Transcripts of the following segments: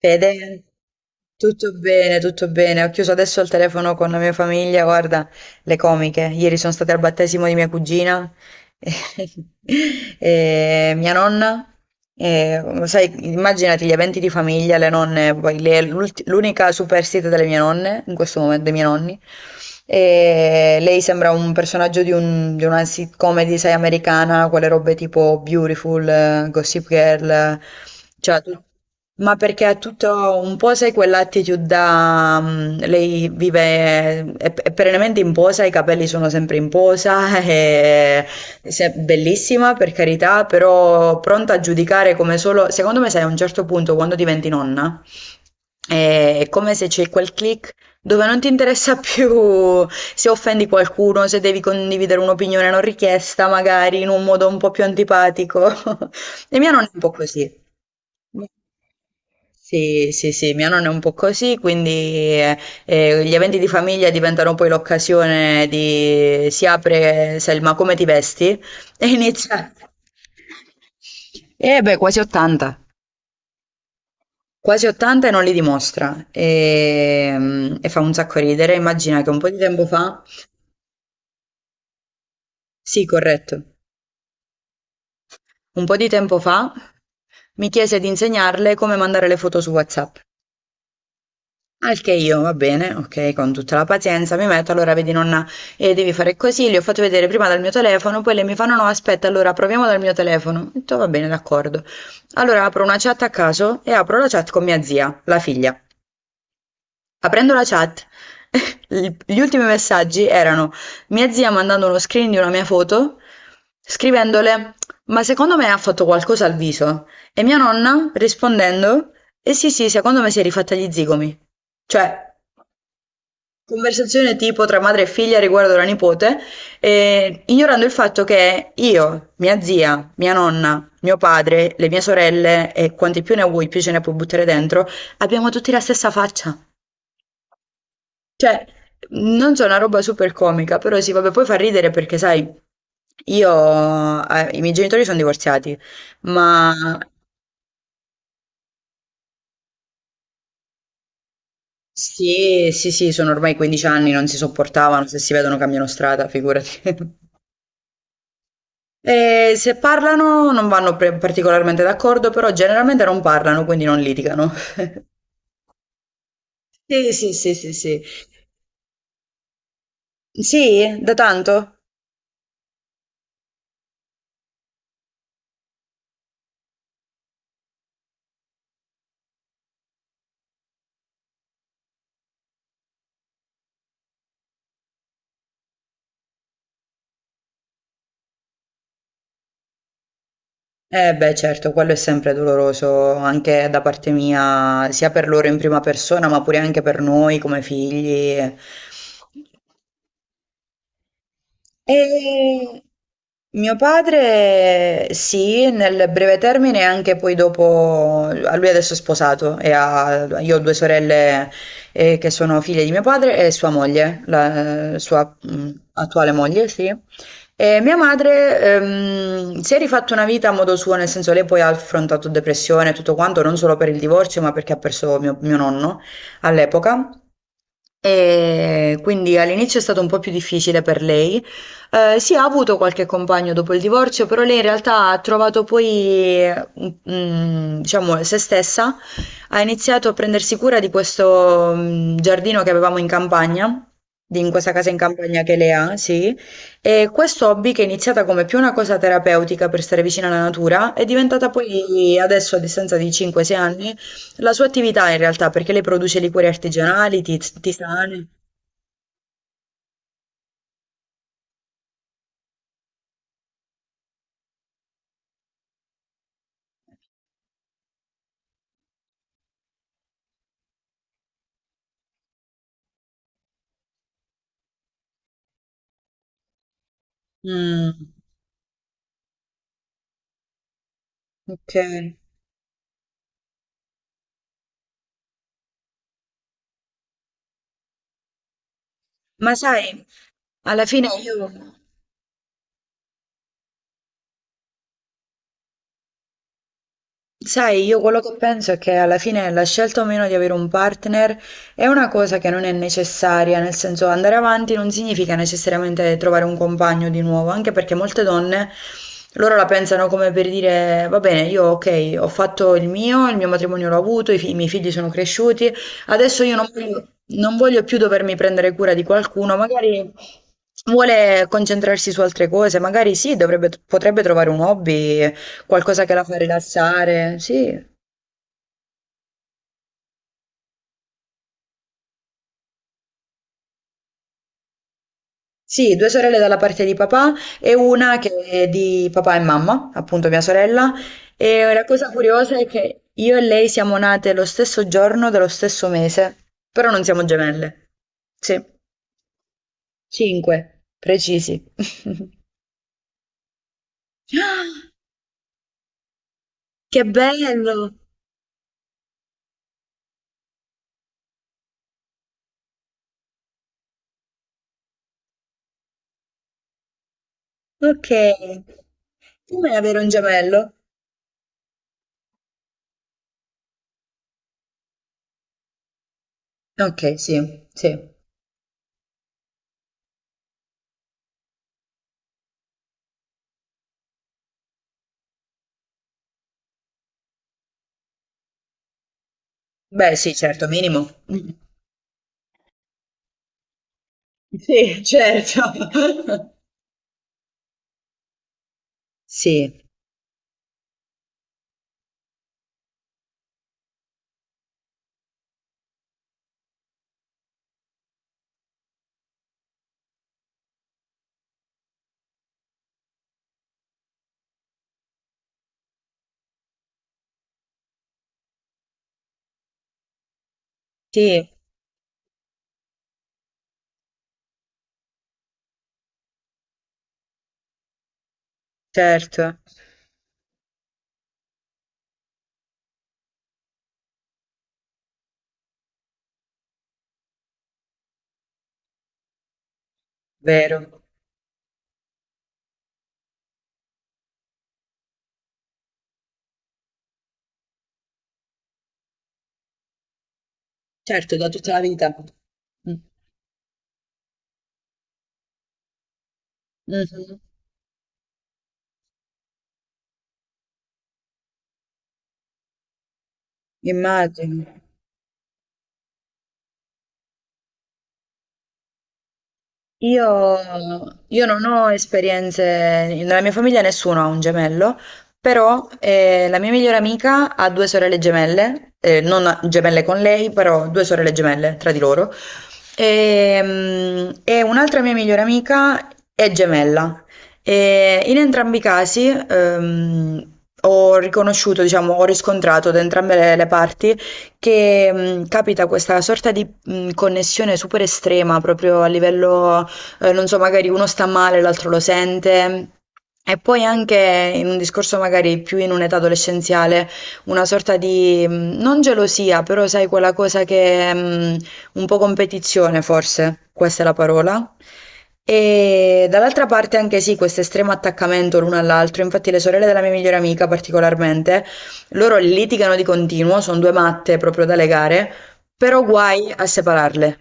Fede, tutto bene, tutto bene. Ho chiuso adesso il telefono con la mia famiglia, guarda, le comiche. Ieri sono state al battesimo di mia cugina e mia nonna. E, sai, immaginati gli eventi di famiglia, le nonne, poi l'unica superstite delle mie nonne, in questo momento dei miei nonni. E lei sembra un personaggio di, di una sitcom, sai, americana, quelle robe tipo Beautiful, Gossip Girl, cioè tu- ma perché è tutto un po', sai, quell'attitude da... lei vive, è perennemente in posa, i capelli sono sempre in posa, è, se- bellissima per carità, però pronta a giudicare come solo... Secondo me, sai, a un certo punto, quando diventi nonna, è come se c'è quel click dove non ti interessa più se offendi qualcuno, se devi condividere un'opinione non richiesta, magari in un modo un po' più antipatico. E mia nonna è un po' così. Mm. Sì, sì, sì, mia nonna è un po' così, quindi gli eventi di famiglia diventano poi l'occasione di si apre Selma, come ti vesti? E inizia. Eh beh, quasi 80. Quasi 80 e non li dimostra. E, e fa un sacco ridere. Immagina che un po' di tempo fa, sì, corretto, un po' di tempo fa mi chiese di insegnarle come mandare le foto su WhatsApp. Al che io, va bene, ok, con tutta la pazienza, mi metto, allora vedi nonna, devi fare così, le ho fatto vedere prima dal mio telefono, poi lei mi fa no no aspetta, allora proviamo dal mio telefono. Ho detto va bene, d'accordo. Allora apro una chat a caso e apro la chat con mia zia, la figlia. Aprendo la chat, gli ultimi messaggi erano mia zia mandando uno screen di una mia foto, scrivendole ma secondo me ha fatto qualcosa al viso e mia nonna rispondendo eh sì sì, secondo me si è rifatta gli zigomi. Cioè... Conversazione tipo tra madre e figlia riguardo la nipote, ignorando il fatto che io, mia zia, mia nonna, mio padre, le mie sorelle e quanti più ne vuoi, più ce ne puoi buttare dentro, abbiamo tutti la stessa faccia. Cioè, non so, una roba super comica, però sì, vabbè, poi fa ridere perché, sai, io, i miei genitori sono divorziati, ma sì, sì, sì, sono ormai 15 anni, non si sopportavano, se si vedono cambiano strada, figurati. Se parlano non vanno pre particolarmente d'accordo, però generalmente non parlano, quindi non litigano. Sì, sì, sì, sì, sì. Sì? Da tanto? Eh beh, certo, quello è sempre doloroso anche da parte mia, sia per loro in prima persona, ma pure anche per noi come figli. E mio padre sì, nel breve termine e anche poi dopo, a lui adesso è sposato e io ho due sorelle che sono figlie di mio padre e sua moglie, la sua attuale moglie, sì. E mia madre si è rifatta una vita a modo suo, nel senso lei poi ha affrontato depressione e tutto quanto, non solo per il divorzio, ma perché ha perso mio nonno all'epoca. E quindi all'inizio è stato un po' più difficile per lei. Sì, ha avuto qualche compagno dopo il divorzio, però lei in realtà ha trovato poi, diciamo, se stessa. Ha iniziato a prendersi cura di questo, giardino che avevamo in campagna, in questa casa in campagna che lei ha, sì. E questo hobby, che è iniziata come più una cosa terapeutica per stare vicina alla natura, è diventata poi adesso, a distanza di 5-6 anni, la sua attività in realtà, perché lei produce liquori artigianali, tisane. Mm, ok. Ma sai, alla fine io... Sai, io quello che penso è che alla fine la scelta o meno di avere un partner è una cosa che non è necessaria, nel senso andare avanti non significa necessariamente trovare un compagno di nuovo, anche perché molte donne loro la pensano come per dire, va bene, io ok, ho fatto il mio matrimonio l'ho avuto, i miei figli sono cresciuti, adesso io non voglio, non voglio più dovermi prendere cura di qualcuno, magari vuole concentrarsi su altre cose, magari sì, potrebbe trovare un hobby. Qualcosa che la fa rilassare, sì. Sì, due sorelle dalla parte di papà e una che è di papà e mamma, appunto mia sorella. E la cosa curiosa è che io e lei siamo nate lo stesso giorno dello stesso mese, però non siamo gemelle. Sì, cinque, precisi. Che bello! Ok. Come avere un gemello? Ok, sì, sì. Beh, sì, certo, minimo. Sì, certo. Sì, sì, certo, vero. Certo, da tutta la vita. Mh. Mh-mh. Immagino. Io, io non ho esperienze, nella mia famiglia nessuno ha un gemello, però la mia migliore amica ha due sorelle gemelle, non ha- gemelle con lei, però due sorelle gemelle tra di loro, e, e un'altra mia migliore amica è gemella. E in entrambi i casi ho riconosciuto, diciamo, ho riscontrato da entrambe le parti che capita questa sorta di connessione super estrema proprio a livello non so, magari uno sta male, l'altro lo sente. E poi anche in un discorso magari più in un'età adolescenziale, una sorta di, non gelosia, però sai quella cosa che, un po' competizione forse, questa è la parola. E dall'altra parte anche sì, questo estremo attaccamento l'uno all'altro, infatti le sorelle della mia migliore amica particolarmente, loro litigano di continuo, sono due matte proprio da legare, però guai a separarle.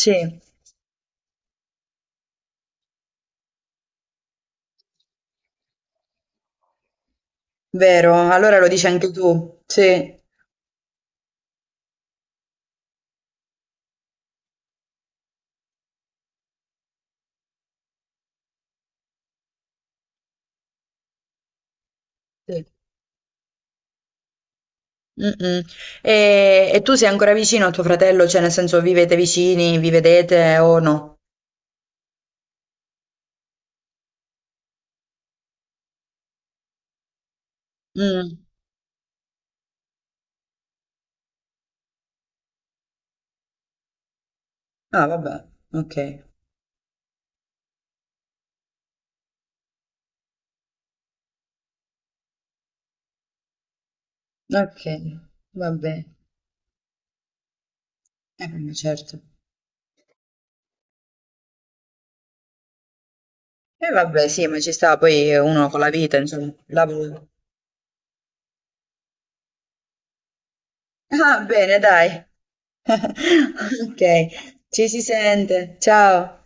Sì. Vero? Allora lo dici anche tu. Sì. Sì. Mm-mm. E tu sei ancora vicino a tuo fratello? Cioè, nel senso, vivete vicini, vi vedete o no? Mm. Ah, vabbè. Ok. Ok. Vabbè. Vabbè, certo. E vabbè, sì, ma ci sta poi uno con la vita, insomma. Lavoro. Ah, bene, dai. Ok. Ci si sente. Ciao.